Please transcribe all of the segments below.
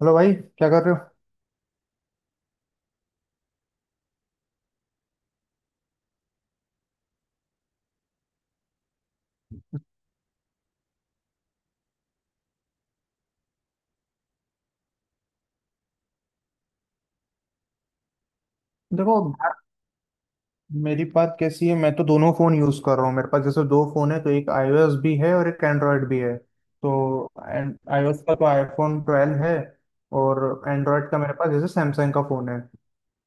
Hello भाई, क्या कर रहे हो? देखो यार, मेरी बात कैसी है। मैं तो दोनों फ़ोन यूज़ कर रहा हूँ, मेरे पास जैसे दो फ़ोन है, तो एक iOS भी है और एक एंड्रॉयड भी है। तो iOS का तो iPhone 12 है और एंड्रॉयड का मेरे पास जैसे सैमसंग का फ़ोन है।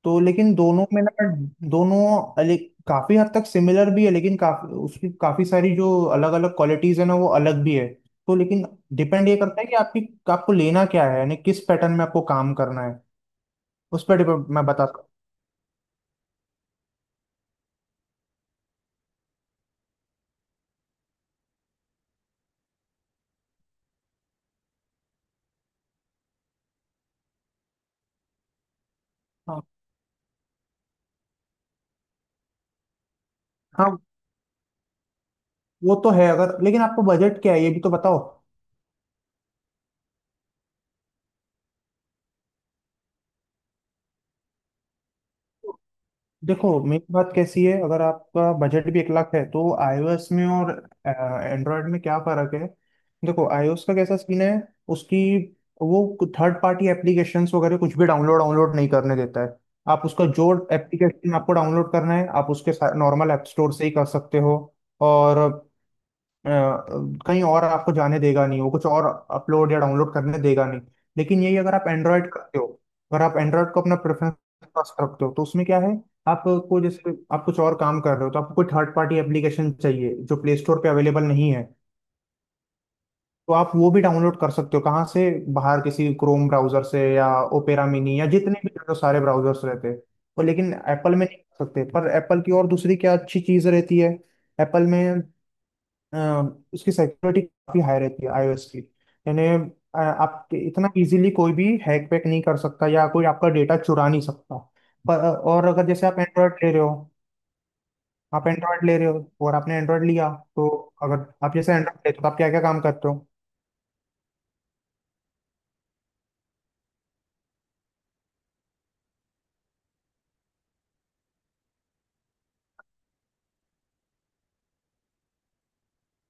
तो लेकिन दोनों में ना, दोनों अलग काफ़ी हद तक सिमिलर भी है, लेकिन काफ़ी उसकी काफ़ी सारी जो अलग अलग क्वालिटीज़ है ना, वो अलग भी है। तो लेकिन डिपेंड ये करता है कि आपकी, आपको लेना क्या है, यानी किस पैटर्न में आपको काम करना है, उस पर डिपेंड मैं बता सकता हूँ। हाँ हाँ, वो तो है। अगर लेकिन आपका बजट क्या है ये भी तो बताओ। देखो मेरी बात कैसी है, अगर आपका बजट भी एक लाख है, तो आईओएस में और एंड्रॉयड में क्या फर्क है। देखो आईओएस का कैसा सीन है, उसकी वो थर्ड पार्टी एप्लीकेशंस वगैरह कुछ भी डाउनलोड डाउनलोड नहीं करने देता है। आप उसका जो एप्लीकेशन आपको डाउनलोड करना है, आप उसके नॉर्मल ऐप स्टोर से ही कर सकते हो, और अ, कहीं और आपको जाने देगा नहीं, वो कुछ और अपलोड या डाउनलोड करने देगा नहीं। लेकिन यही अगर आप एंड्रॉयड करते हो, अगर आप एंड्रॉयड को अपना प्रेफरेंस पास रखते हो, तो उसमें क्या है, आपको जैसे आप कुछ और काम कर रहे हो तो आपको कोई थर्ड पार्टी एप्लीकेशन चाहिए जो प्ले स्टोर पे अवेलेबल नहीं है, तो आप वो भी डाउनलोड कर सकते हो कहाँ से, बाहर किसी क्रोम ब्राउजर से या ओपेरा मिनी या जितने भी जो सारे ब्राउजर्स रहते हैं वो। लेकिन एप्पल में नहीं कर सकते। पर एप्पल की और दूसरी क्या अच्छी चीज़ रहती है एप्पल में, अ, उसकी सिक्योरिटी काफी हाई रहती है आईओएस की। यानी आप इतना इजीली कोई भी हैक पैक नहीं कर सकता या कोई आपका डेटा चुरा नहीं सकता। पर और अगर जैसे आप एंड्रॉयड ले रहे हो, आप एंड्रॉयड ले रहे हो और आपने एंड्रॉयड लिया तो अगर आप जैसे एंड्रॉयड ले, तो आप क्या क्या काम करते हो?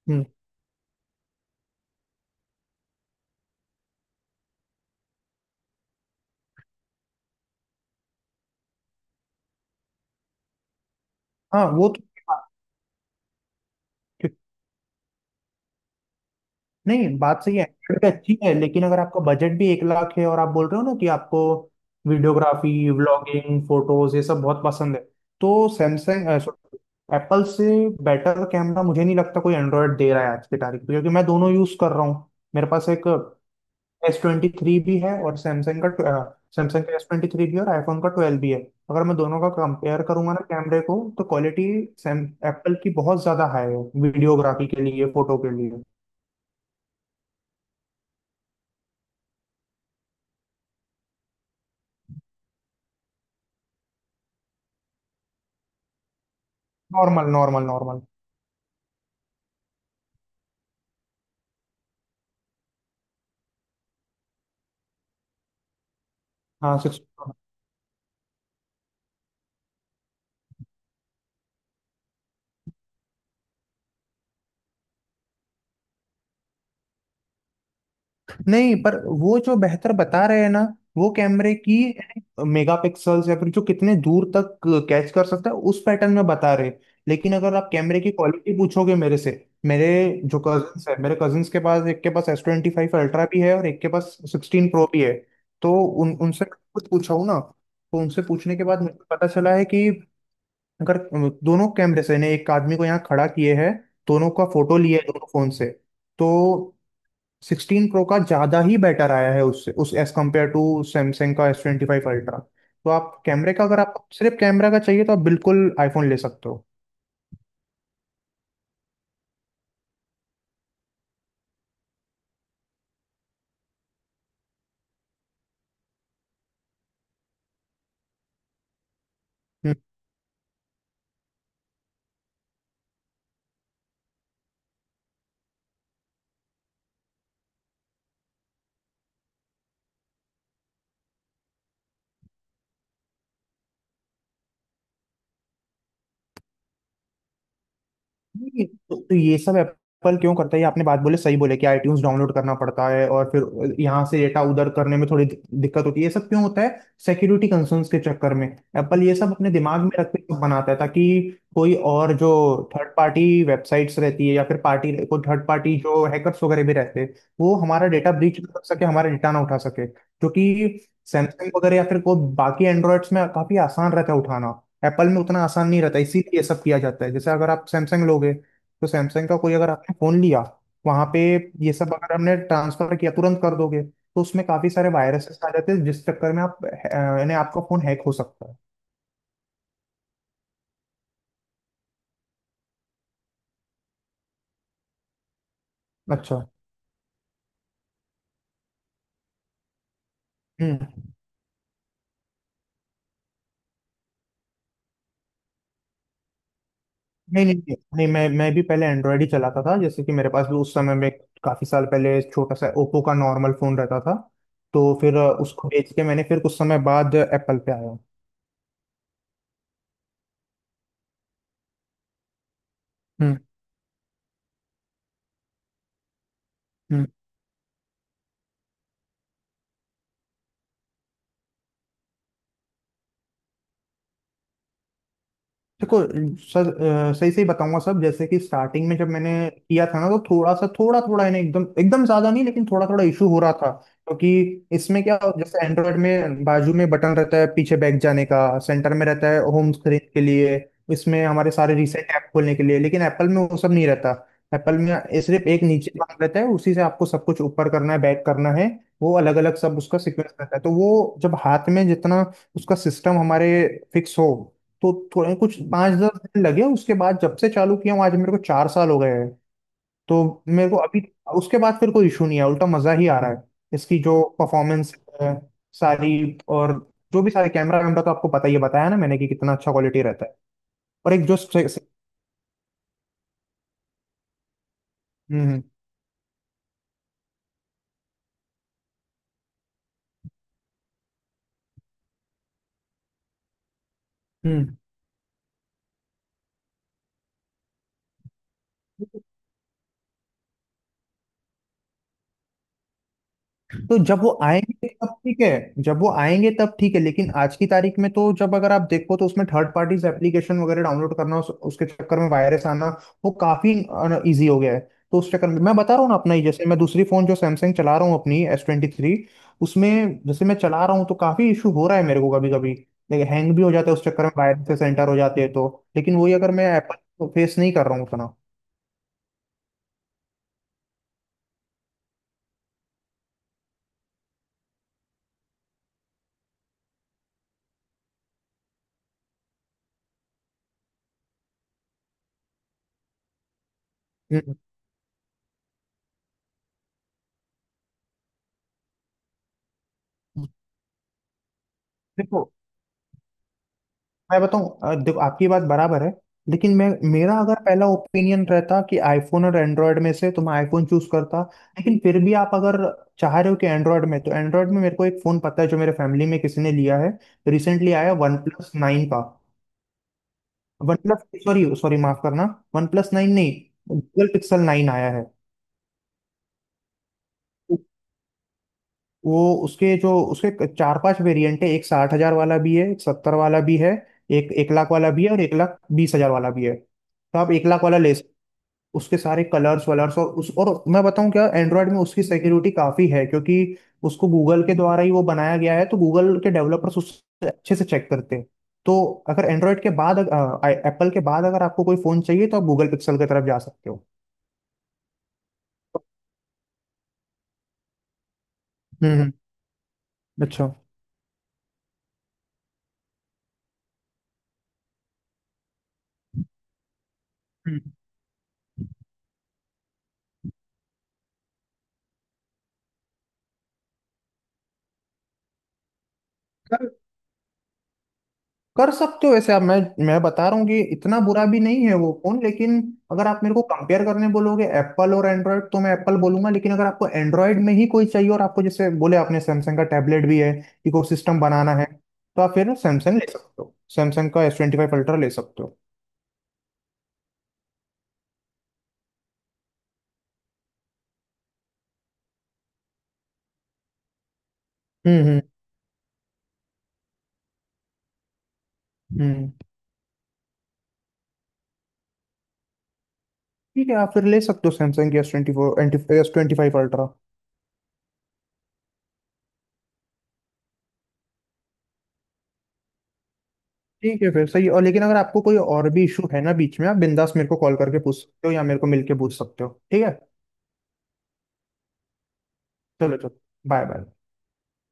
हम्म, हाँ वो तो। नहीं, बात सही है। Android पे अच्छी है, लेकिन अगर आपका बजट भी एक लाख है और आप बोल रहे हो ना कि आपको वीडियोग्राफी, व्लॉगिंग, फोटोज ये सब बहुत पसंद है, तो सैमसंग एप्पल से बेटर कैमरा मुझे नहीं लगता कोई एंड्रॉयड दे रहा है आज की तारीख में, क्योंकि मैं दोनों यूज कर रहा हूँ। मेरे पास एक S23 भी है और सैमसंग का, सैमसंग का S23 भी है और आईफोन का 12 भी है। अगर मैं दोनों का कंपेयर करूंगा ना कैमरे को, तो क्वालिटी सैम एप्पल की बहुत ज्यादा हाई है, वीडियोग्राफी के लिए, फोटो के लिए। Normal normal normal. हाँ सिक्स। नहीं, पर वो जो बेहतर बता रहे हैं ना, वो कैमरे की मेगापिक्सल्स या फिर जो कितने दूर तक कैच कर सकता है उस पैटर्न में बता रहे हैं। लेकिन अगर आप कैमरे की क्वालिटी पूछोगे मेरे से, मेरे जो कजिन्स है, मेरे कजिन्स के पास, एक के पास S25 Ultra भी है और एक के पास 16 Pro भी है, तो उन उनसे कुछ पूछा हूं ना। तो उनसे पूछने के बाद मुझे पता चला है कि अगर दोनों कैमरे से ने एक आदमी को यहाँ खड़ा किए है, दोनों का फोटो लिया है दोनों फोन से, तो 16 Pro का ज़्यादा ही बेटर आया है उससे, उस एज कम्पेयर टू सैमसंग का S25 Ultra। तो आप कैमरे का, अगर आप सिर्फ कैमरा का चाहिए तो आप बिल्कुल आईफोन ले सकते हो। नहीं, तो ये सब एप्पल क्यों करता है, ये आपने बात बोले, सही बोले, कि आईट्यून्स डाउनलोड करना पड़ता है और फिर यहाँ से डेटा उधर करने में थोड़ी दिक्कत होती है, ये सब क्यों होता है। सिक्योरिटी कंसर्न्स के चक्कर में एप्पल ये सब अपने दिमाग में रख के सब बनाता है, ताकि कोई और जो थर्ड पार्टी वेबसाइट्स रहती है या फिर पार्टी कोई थर्ड पार्टी जो हैकर्स वगैरह भी रहते हैं, वो हमारा डेटा ब्रीच कर सके, हमारा डेटा ना उठा सके, जो कि सैमसंग वगैरह या फिर कोई बाकी एंड्रॉइड्स में काफी आसान रहता है उठाना। एप्पल में उतना आसान नहीं रहता, इसीलिए ये सब किया जाता है। जैसे अगर आप सैमसंग लोगे तो सैमसंग का कोई, अगर आपने फोन लिया, वहां पे ये सब अगर हमने ट्रांसफर किया तुरंत कर दोगे, तो उसमें काफी सारे वायरसेस आ जाते हैं, जिस चक्कर में आप यानी आपका फोन हैक हो सकता है। अच्छा, हम्म। नहीं नहीं नहीं नहीं, मैं भी पहले एंड्रॉयड ही चलाता था, जैसे कि मेरे पास भी उस समय में काफी साल पहले छोटा सा ओप्पो का नॉर्मल फोन रहता था। तो फिर उसको बेच के मैंने फिर कुछ समय बाद एप्पल पे आया। हम्म हम्म। देखो सर, सही सही बताऊंगा सब। जैसे कि स्टार्टिंग में जब मैंने किया था ना, तो थोड़ा सा, थोड़ा थोड़ा है ना, एकदम एकदम ज्यादा नहीं लेकिन थोड़ा थोड़ा इशू हो रहा था, क्योंकि इसमें क्या, जैसे एंड्रॉयड में बाजू में बटन रहता है पीछे बैक जाने का, सेंटर में रहता है होम स्क्रीन के लिए, इसमें हमारे सारे रिसेंट ऐप खोलने के लिए, लेकिन एप्पल में वो सब नहीं रहता। एप्पल में ये सिर्फ एक नीचे बटन रहता है, उसी से आपको सब कुछ ऊपर करना है, बैक करना है। वो अलग अलग सब उसका सीक्वेंस रहता है, तो वो जब हाथ में जितना उसका सिस्टम हमारे फिक्स हो, तो थोड़े कुछ 5-10 दिन लगे। उसके बाद जब से चालू किया हूँ, आज मेरे को 4 साल हो गए हैं। तो मेरे को अभी उसके बाद फिर कोई इशू नहीं है, उल्टा मजा ही आ रहा है। इसकी जो परफॉर्मेंस है सारी, और जो भी सारे कैमरा वैमरा तो आपको पता ही है, बताया ना मैंने कि कितना अच्छा क्वालिटी रहता है। और एक जो हम्म हम्म। तो जब वो आएंगे तब ठीक है, जब वो आएंगे तब ठीक है, लेकिन आज की तारीख में तो जब अगर आप देखो, तो उसमें थर्ड पार्टीज एप्लीकेशन वगैरह डाउनलोड करना, उसके चक्कर में वायरस आना वो काफी इजी हो गया है। तो उस चक्कर में मैं बता रहा हूँ ना, अपना ही, जैसे मैं दूसरी फोन जो सैमसंग चला रहा हूँ अपनी S23, उसमें जैसे मैं चला रहा हूँ तो काफी इशू हो रहा है मेरे को कभी कभी। लेकिन हैंग भी हो जाता है, उस चक्कर में वायरस से सेंटर हो जाते हैं, तो लेकिन वही अगर मैं एप्पल फेस नहीं कर रहा हूँ उतना। हम्म। देखो, मैं बताऊं, देखो आपकी बात बराबर है, लेकिन मैं मेरा अगर पहला ओपिनियन रहता कि आईफोन और एंड्रॉयड में से, तो मैं आईफोन चूज करता। लेकिन फिर भी आप अगर चाह रहे हो कि एंड्रॉयड में, तो एंड्रॉयड में मेरे को एक फोन पता है जो मेरे फैमिली में किसी ने लिया है, रिसेंटली आया, OnePlus 9 का। वन प्लस, सॉरी सॉरी, माफ करना, OnePlus 9 नहीं, Google Pixel 9 आया है वो। उसके जो उसके 4-5 वेरिएंट है, एक 60,000 वाला भी है, एक सत्तर वाला भी है, एक एक लाख वाला भी है और 1 लाख 20 हजार वाला भी है, तो आप एक लाख वाला ले। उसके सारे कलर्स वलर्स और उस, और मैं बताऊं क्या, एंड्रॉयड में उसकी सिक्योरिटी काफी है, क्योंकि उसको गूगल के द्वारा ही वो बनाया गया है, तो गूगल के डेवलपर्स उससे अच्छे से चेक करते हैं। तो अगर एंड्रॉयड के बाद, एप्पल के बाद अगर आपको कोई फोन चाहिए, तो आप गूगल पिक्सल की तरफ जा सकते हो। हम्म हम्म, अच्छा, हम्म, कर सकते हो वैसे आप। मैं बता रहा हूँ कि इतना बुरा भी नहीं है वो फोन, लेकिन अगर आप मेरे को कंपेयर करने बोलोगे एप्पल और एंड्रॉयड, तो मैं एप्पल बोलूंगा। लेकिन अगर आपको एंड्रॉयड में ही कोई चाहिए और आपको जैसे बोले आपने सैमसंग का टैबलेट भी है, इकोसिस्टम बनाना है, तो आप फिर सैमसंग ले सकते हो, सैमसंग का एस ट्वेंटी फाइव अल्ट्रा ले सकते हो। हम्म हम्म हम्म। ठीक है, आप फिर ले सकते हो सैमसंग की S24, S25 Ultra। ठीक है फिर, सही। और लेकिन अगर आपको कोई और भी इशू है ना बीच में, आप बिंदास मेरे को कॉल करके पूछ सकते हो या मेरे को मिलके पूछ सकते हो, ठीक है। चलो चलो। Bye bye.